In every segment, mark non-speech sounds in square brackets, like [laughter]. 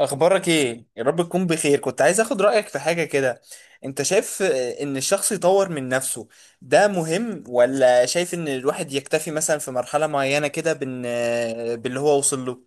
اخبارك ايه؟ يا رب تكون بخير. كنت عايز اخد رايك في حاجه كده. انت شايف ان الشخص يطور من نفسه ده مهم ولا شايف ان الواحد يكتفي مثلا في مرحله معينه كده بان باللي هو وصل له؟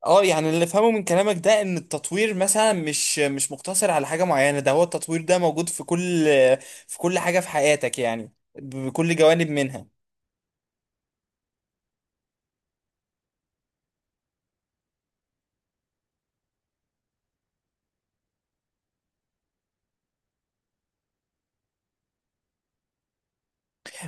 اه، يعني اللي فهمه من كلامك ده ان التطوير مثلا مش مقتصر على حاجه معينه، ده هو التطوير ده موجود في كل في كل حاجه في حياتك يعني بكل جوانب منها.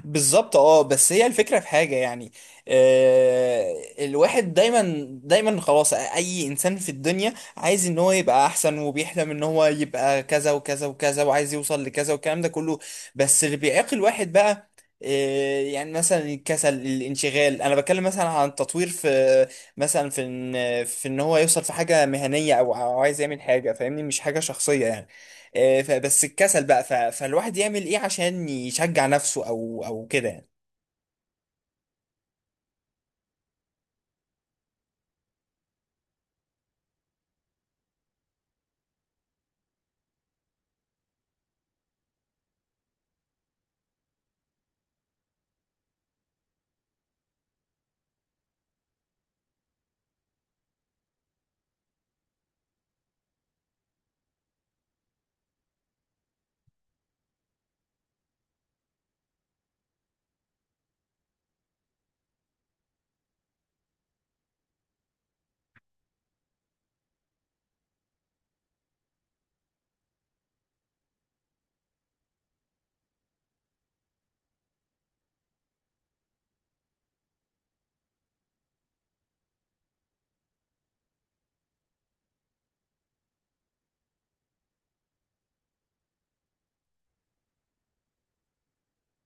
بالظبط اه. بس هي الفكرة في حاجة يعني، الواحد دايما دايما خلاص، اي انسان في الدنيا عايز ان هو يبقى احسن، وبيحلم ان هو يبقى كذا وكذا وكذا وعايز يوصل لكذا والكلام ده كله. بس اللي بيعيق الواحد بقى يعني مثلا الكسل، الانشغال. انا بتكلم مثلا عن التطوير في، مثلا في ان، في ان هو يوصل في حاجة مهنية او عايز يعمل حاجة، فاهمني؟ مش حاجة شخصية يعني. فبس الكسل بقى، فالواحد يعمل ايه عشان يشجع نفسه او كده يعني؟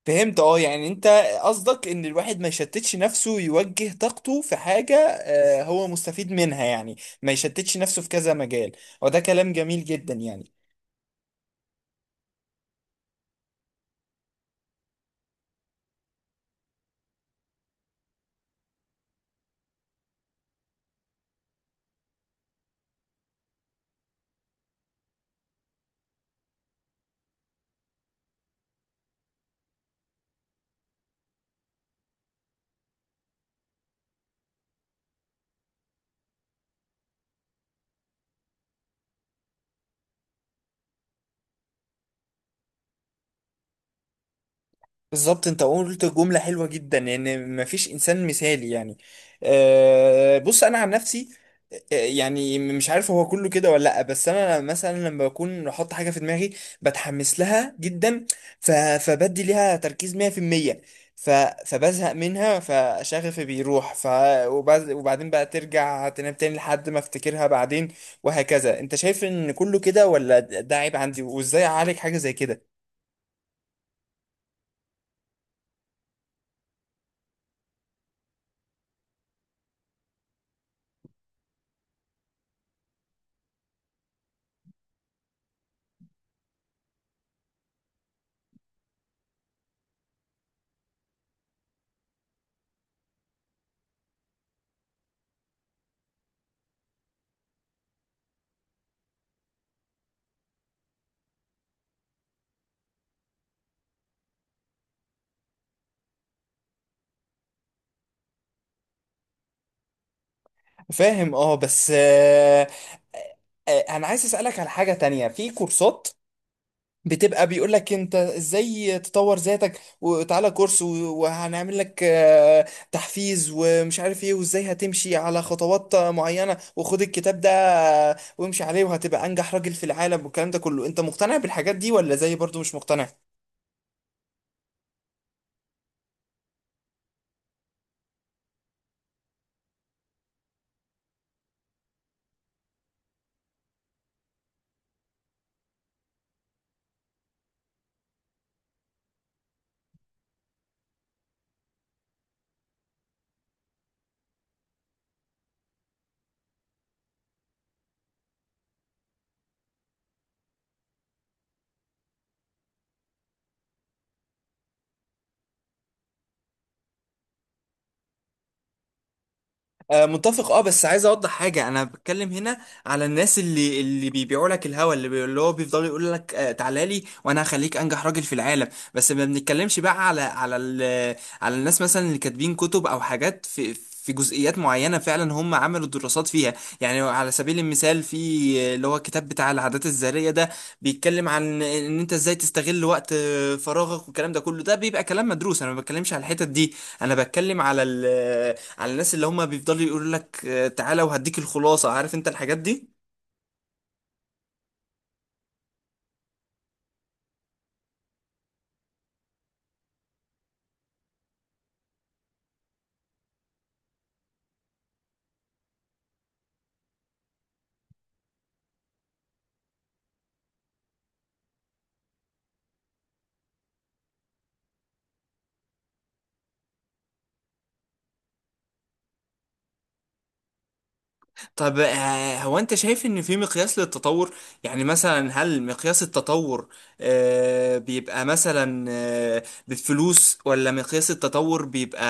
فهمت، اه. يعني انت قصدك ان الواحد ما يشتتش نفسه، يوجه طاقته في حاجة هو مستفيد منها يعني، ما يشتتش نفسه في كذا مجال. وده كلام جميل جدا يعني. بالظبط. انت قلت جملة حلوة جدا يعني مفيش انسان مثالي يعني. أه، بص انا عن نفسي، يعني مش عارف هو كله كده ولا لا، بس انا مثلا لما بكون احط حاجة في دماغي بتحمس لها جدا. فبدي ليها تركيز 100%. ف... فبزهق منها، فشغفي بيروح. وبعدين بقى ترجع تنام تاني لحد ما افتكرها بعدين وهكذا. انت شايف ان كله كده ولا ده عيب عندي؟ وازاي اعالج حاجة زي كده؟ فاهم، اه. بس انا عايز اسالك على حاجه تانية. في كورسات بتبقى بيقول لك انت ازاي تطور ذاتك، وتعالى كورس وهنعمل لك تحفيز ومش عارف ايه، وازاي هتمشي على خطوات معينه، وخد الكتاب ده وامشي عليه وهتبقى انجح راجل في العالم والكلام ده كله. انت مقتنع بالحاجات دي ولا زي برضو مش مقتنع؟ متفق، اه. بس عايز اوضح حاجه، انا بتكلم هنا على الناس اللي بيبيعوا لك الهوا، اللي هو بيفضلوا يقول لك تعالى لي وانا هخليك انجح راجل في العالم. بس ما بنتكلمش بقى على الناس مثلا اللي كاتبين كتب او حاجات في في جزئيات معينه فعلا هم عملوا دراسات فيها. يعني على سبيل المثال، في اللي هو الكتاب بتاع العادات الذريه ده، بيتكلم عن ان انت ازاي تستغل وقت فراغك والكلام ده كله، ده بيبقى كلام مدروس، انا ما بتكلمش على الحتت دي. انا بتكلم على الناس اللي هم بيفضلوا يقولوا لك تعالى وهديك الخلاصة، عارف انت الحاجات دي؟ طب هو انت شايف ان في مقياس للتطور؟ يعني مثلا هل مقياس التطور بيبقى مثلا بالفلوس، ولا مقياس التطور بيبقى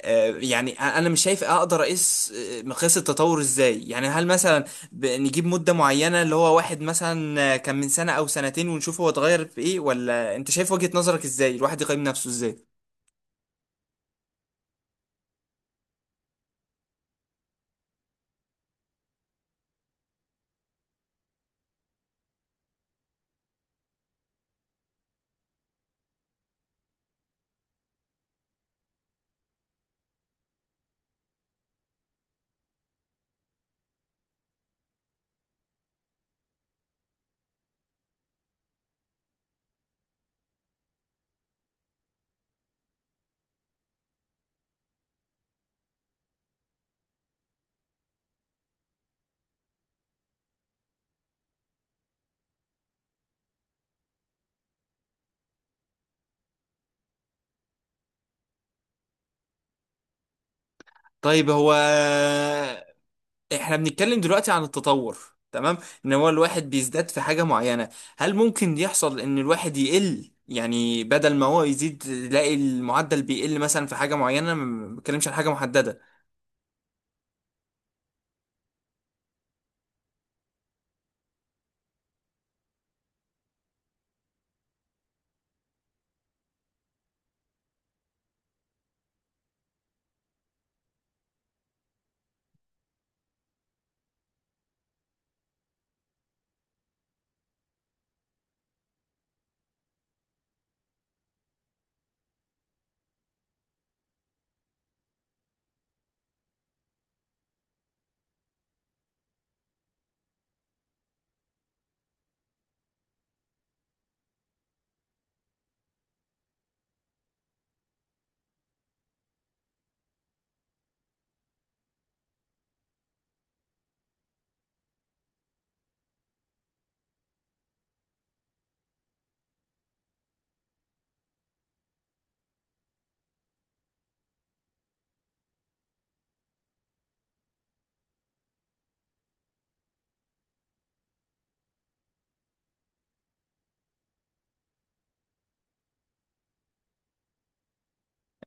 يعني، انا مش شايف اقدر اقيس مقياس التطور ازاي؟ يعني هل مثلا نجيب مدة معينة اللي هو واحد مثلا كان من سنة او سنتين ونشوف هو اتغير في ايه؟ ولا انت شايف وجهة نظرك ازاي، الواحد يقيم نفسه ازاي؟ طيب، هو احنا بنتكلم دلوقتي عن التطور، تمام، ان هو الواحد بيزداد في حاجة معينة، هل ممكن يحصل ان الواحد يقل؟ يعني بدل ما هو يزيد يلاقي المعدل بيقل مثلا في حاجة معينة. ما بتكلمش عن حاجة محددة.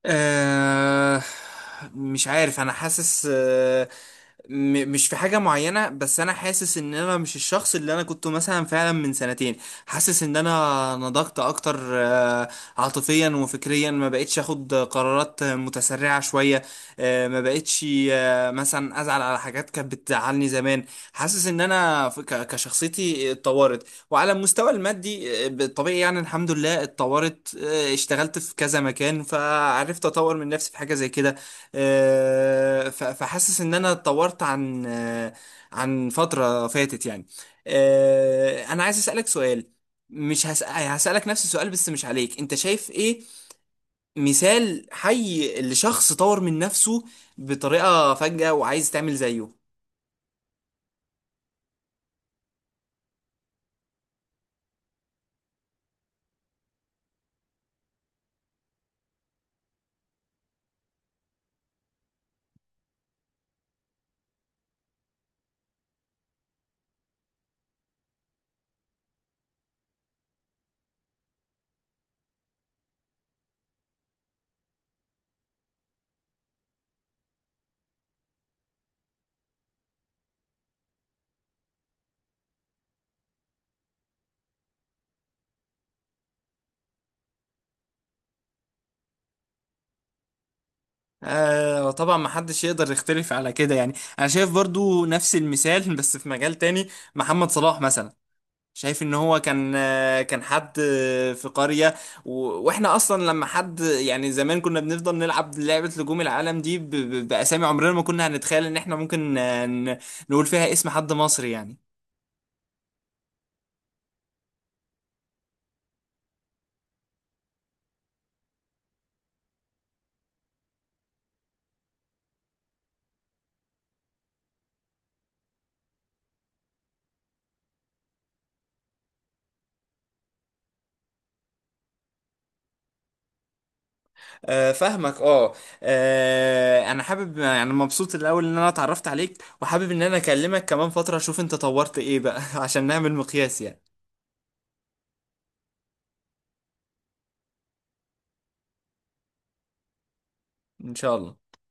آه مش عارف، انا حاسس مش في حاجة معينة، بس أنا حاسس إن أنا مش الشخص اللي أنا كنت مثلا فعلا من سنتين. حاسس إن أنا نضجت أكتر عاطفيا وفكريا، ما بقتش أخد قرارات متسرعة شوية. ما بقتش مثلا أزعل على حاجات كانت بتزعلني زمان. حاسس إن أنا كشخصيتي اتطورت. وعلى المستوى المادي بالطبيعي يعني الحمد لله اتطورت. اشتغلت في كذا مكان فعرفت أطور من نفسي في حاجة زي كده. فحاسس ان انا اتطورت عن عن فترة فاتت يعني. انا عايز اسألك سؤال. مش هسألك نفس السؤال بس مش عليك، انت شايف ايه مثال حي لشخص طور من نفسه بطريقة فجأة وعايز تعمل زيه؟ آه طبعا، ما حدش يقدر يختلف على كده يعني. انا شايف برضو نفس المثال [laughs] بس في مجال تاني. محمد صلاح مثلا، شايف ان هو كان حد في قرية، واحنا اصلا لما حد يعني زمان كنا بنفضل نلعب لعبة نجوم العالم دي باسامي، عمرنا ما كنا هنتخيل ان احنا ممكن نقول فيها اسم حد مصري يعني. آه، فاهمك اه. انا حابب يعني، مبسوط الاول ان انا اتعرفت عليك، وحابب ان انا اكلمك كمان فترة اشوف انت طورت ايه بقى [laughs] عشان نعمل مقياس يعني. ان شاء الله.